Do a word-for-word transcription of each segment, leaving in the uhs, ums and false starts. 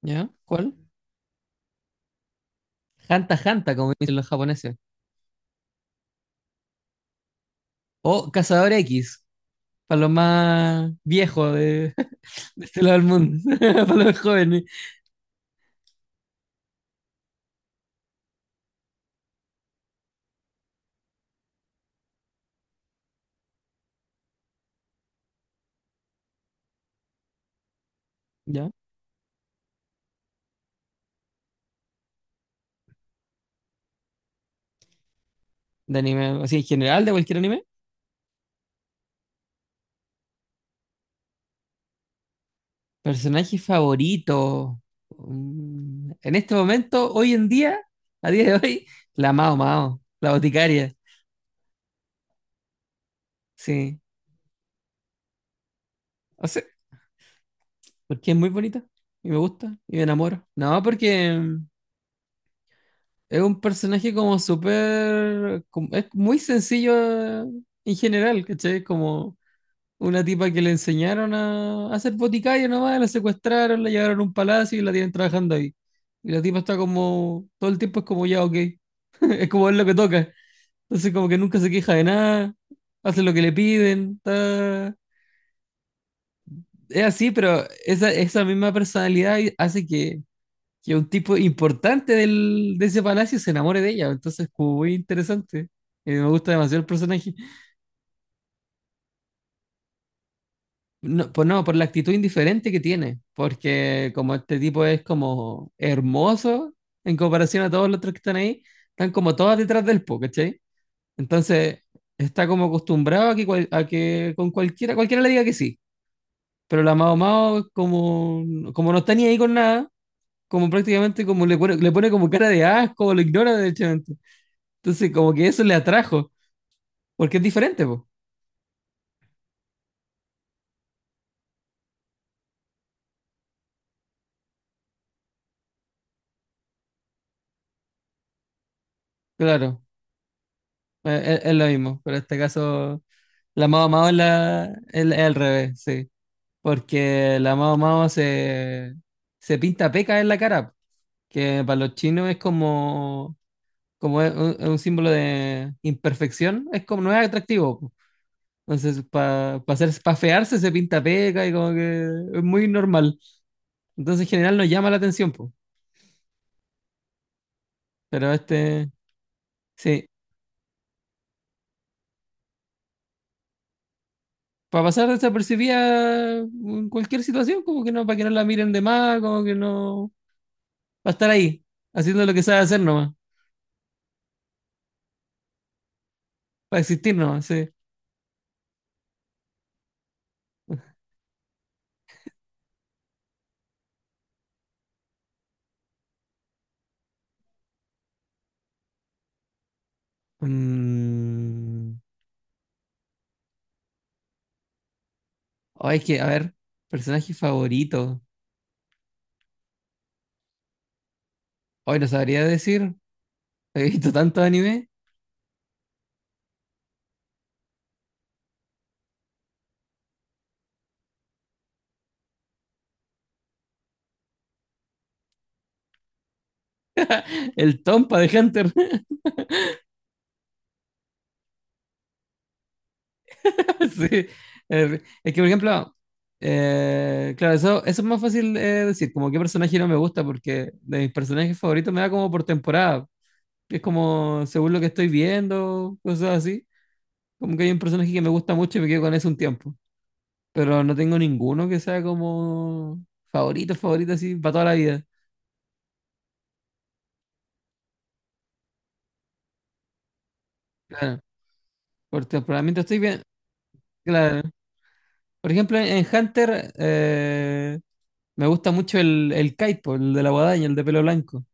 ¿Ya? ¿Cuál? Hanta Hanta, como dicen los japoneses. O Cazador X, para los más viejos de, de este lado del mundo, para los más jóvenes. ¿Ya? De anime, así en general, de cualquier anime. Personaje favorito. Mm, En este momento, hoy en día, a día de hoy, la Mao Mao, la boticaria. Sí. O sea, porque es muy bonita y me gusta y me enamoro. No, porque es un personaje como súper... como- Es muy sencillo eh, en general, ¿cachai? Como una tipa que le enseñaron a, a ser boticario nomás, la secuestraron, la llevaron a un palacio y la tienen trabajando ahí. Y la tipa está como... Todo el tiempo es como ya, ok. Es como es lo que toca. Entonces como que nunca se queja de nada, hace lo que le piden. está- Es así, pero esa, esa misma personalidad hace que que un tipo importante del, de ese palacio se enamore de ella. Entonces, como muy interesante. Eh, me gusta demasiado el personaje. No, pues no, por la actitud indiferente que tiene. Porque como este tipo es como hermoso en comparación a todos los otros que están ahí, están como todas detrás del po, ¿cachai? Entonces, está como acostumbrado a que, cual- a que con cualquiera, cualquiera le diga que sí. Pero la Mao Mao, como, como no está ni ahí con nada, como prácticamente como le pone, le pone como cara de asco, lo ignora derechamente. Entonces, como que eso le atrajo, porque es diferente, pues. Claro, eh, es, es lo mismo, pero en este caso, la Mao Mao es, la, es- es al revés, sí. Porque la Mao Mao se, se pinta peca en la cara, que para los chinos es como, como es un, es un símbolo de imperfección, es como no es atractivo, po. Entonces, para hacer, para fearse se pinta peca y como que es muy normal. Entonces, en general, nos llama la atención, po. Pero este, sí. Para pasar desapercibida en cualquier situación, como que no, para que no la miren de más, como que no, para estar ahí, haciendo lo que sabe hacer nomás, para existir nomás, sí. Mm, oh, es que, a ver, personaje favorito. Hoy no sabría decir, he visto tantos anime. El Tompa de Hunter. Sí. Eh, es que, por ejemplo, eh, claro, eso, eso es más fácil eh, decir, como qué personaje no me gusta, porque de mis personajes favoritos me da como por temporada. Es como, según lo que estoy viendo, cosas así. Como que hay un personaje que me gusta mucho y me quedo con ese un tiempo. Pero no tengo ninguno que sea como favorito, favorito así para toda la vida. Claro, por temperamento estoy bien. Claro. Por ejemplo, en Hunter eh, me gusta mucho el, el Kite, po, el de la guadaña, el de pelo blanco.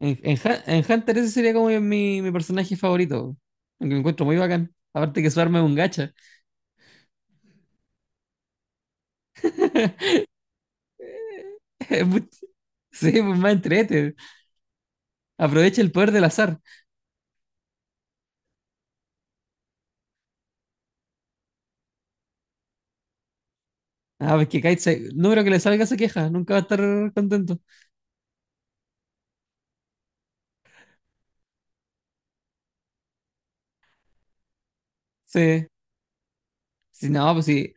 En, en Hu- en Hunter ese sería como mi, mi personaje favorito. Aunque lo encuentro muy bacán. Aparte que su arma es un gacha. Es muy- Sí, pues más entrete. Aprovecha el poder del azar. Ah, pues que Kite, se- no creo que le salga esa queja, nunca va a estar contento. Sí, sí, no, pues sí,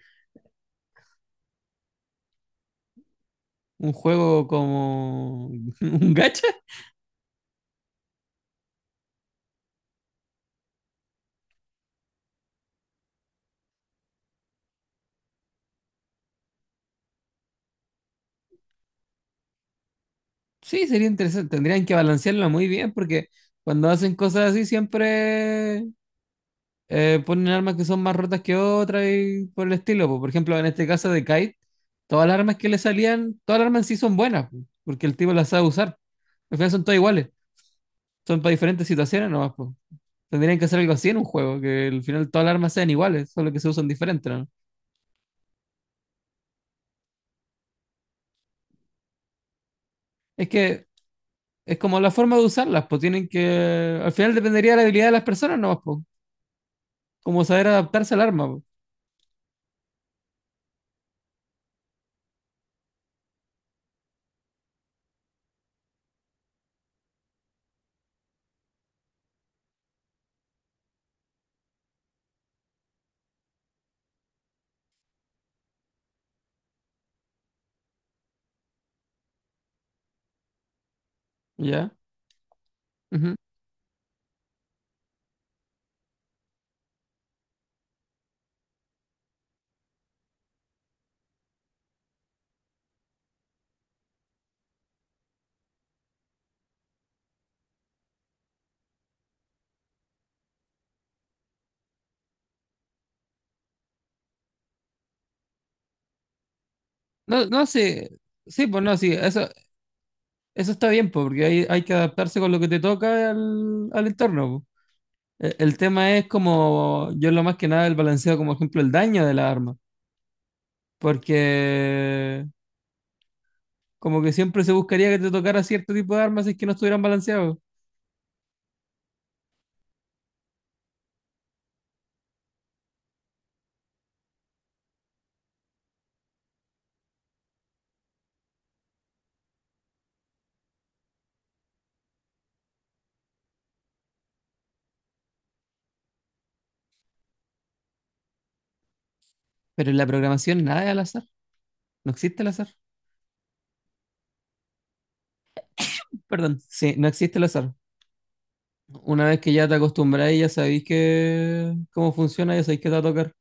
un juego como un gacha, sí, sería interesante. Tendrían que balancearlo muy bien porque cuando hacen cosas así siempre eh, ponen armas que son más rotas que otras y por el estilo. Po. Por ejemplo, en este caso de Kite, todas las armas que le salían, todas las armas en sí son buenas, po, porque el tipo las sabe usar. Al final son todas iguales, son para diferentes situaciones nomás, pues. Tendrían que hacer algo así en un juego, que al final todas las armas sean iguales, solo que se usan diferentes, ¿no? Es que es como la forma de usarlas, pues tienen que. Al final dependería de la habilidad de las personas, ¿no? Pues, como saber adaptarse al arma, pues, ¿ya? Ujú. No, no, sí. Sí, pues no, sí, eso, eso está bien, pues, porque hay, hay que adaptarse con lo que te toca al, al entorno. Pues. E- El tema es como, yo lo más que nada el balanceo, como ejemplo, el daño de la arma, porque como que siempre se buscaría que te tocara cierto tipo de armas si es que no estuvieran balanceados. Pero en la programación nada es al azar. No existe el azar. Perdón. Sí, no existe el azar. Una vez que ya te acostumbráis, ya sabéis que cómo funciona, ya sabéis qué te va a tocar.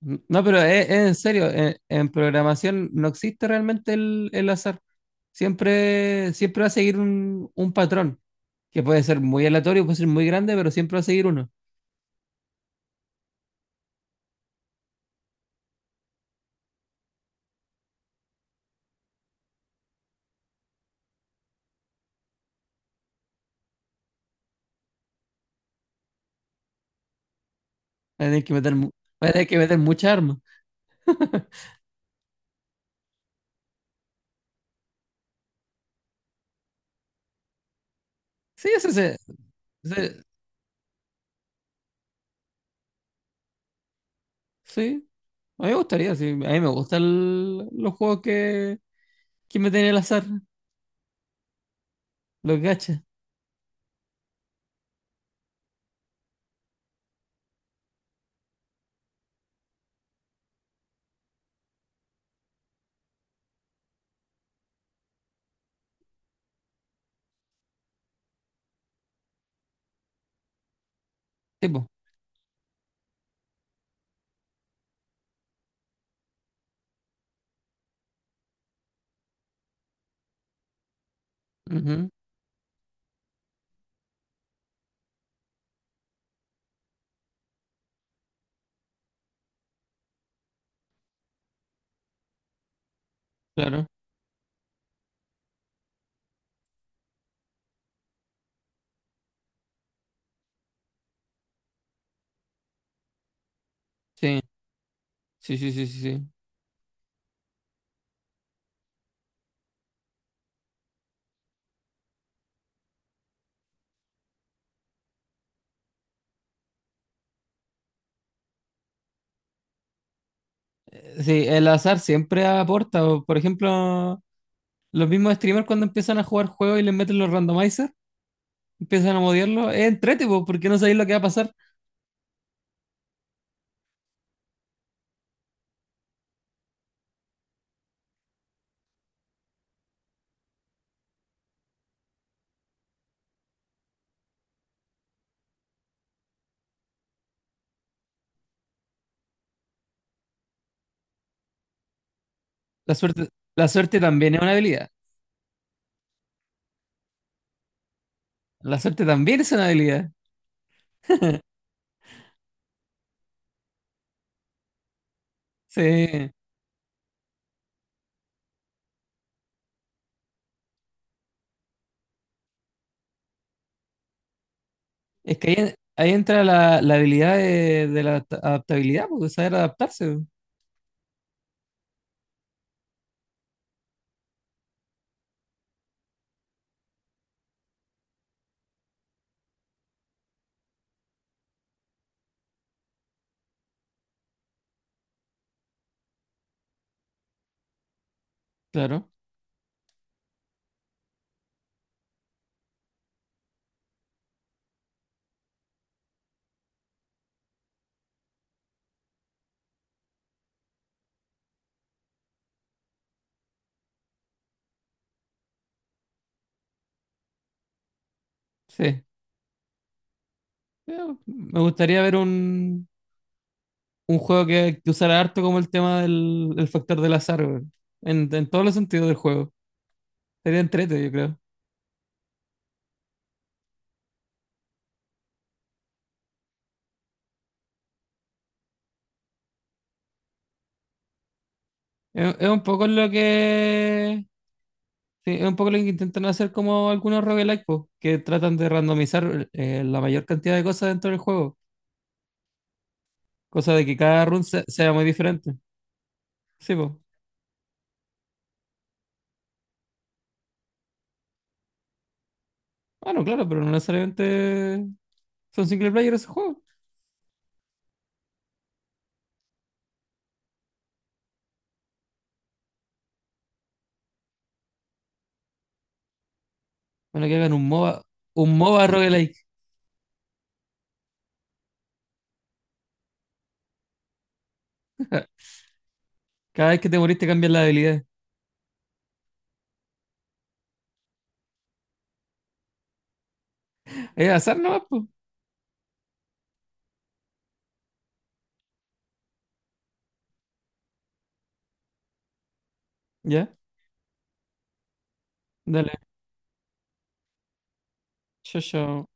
No, pero es, es en serio, en, en programación no existe realmente el, el azar. Siempre, siempre va a seguir un, un patrón, que puede ser muy aleatorio, puede ser muy grande, pero siempre va a seguir uno. Va a tener que meter, mu- va a tener que meter mucha arma. Sí, eso se, se- sí, a mí me gustaría, sí. A mí me gustan el- los juegos que, que meten el azar. Los gachas, tipo. Ujú, claro. Sí, sí, sí, sí, sí. Sí, sí, el azar siempre aporta. O, por ejemplo, los mismos streamers cuando empiezan a jugar juegos y les meten los randomizers, empiezan a modiarlo. Es entrete, po, porque no sabéis lo que va a pasar. La suerte, la suerte también es una habilidad. La suerte también es una habilidad. Sí. Es que ahí, ahí entra la, la habilidad de, de la adaptabilidad, porque saber adaptarse. Po. Claro. Sí. Pero me gustaría ver un un juego que, que usara harto como el tema del, el factor del azar, weón. En, en todos los sentidos del juego. Sería entrete, yo creo. Es, es un poco lo que. Sí, es un poco lo que intentan hacer como algunos roguelike, po, que tratan de randomizar eh, la mayor cantidad de cosas dentro del juego. Cosa de que cada run se- sea muy diferente. Sí, pues. Bueno, claro, pero no necesariamente son single player esos juegos. Bueno, que hagan un MOBA, un MOBA roguelike. Cada vez que te moriste cambias la habilidad. Es azar nomás, pues. Ya, dale. Chao, chao.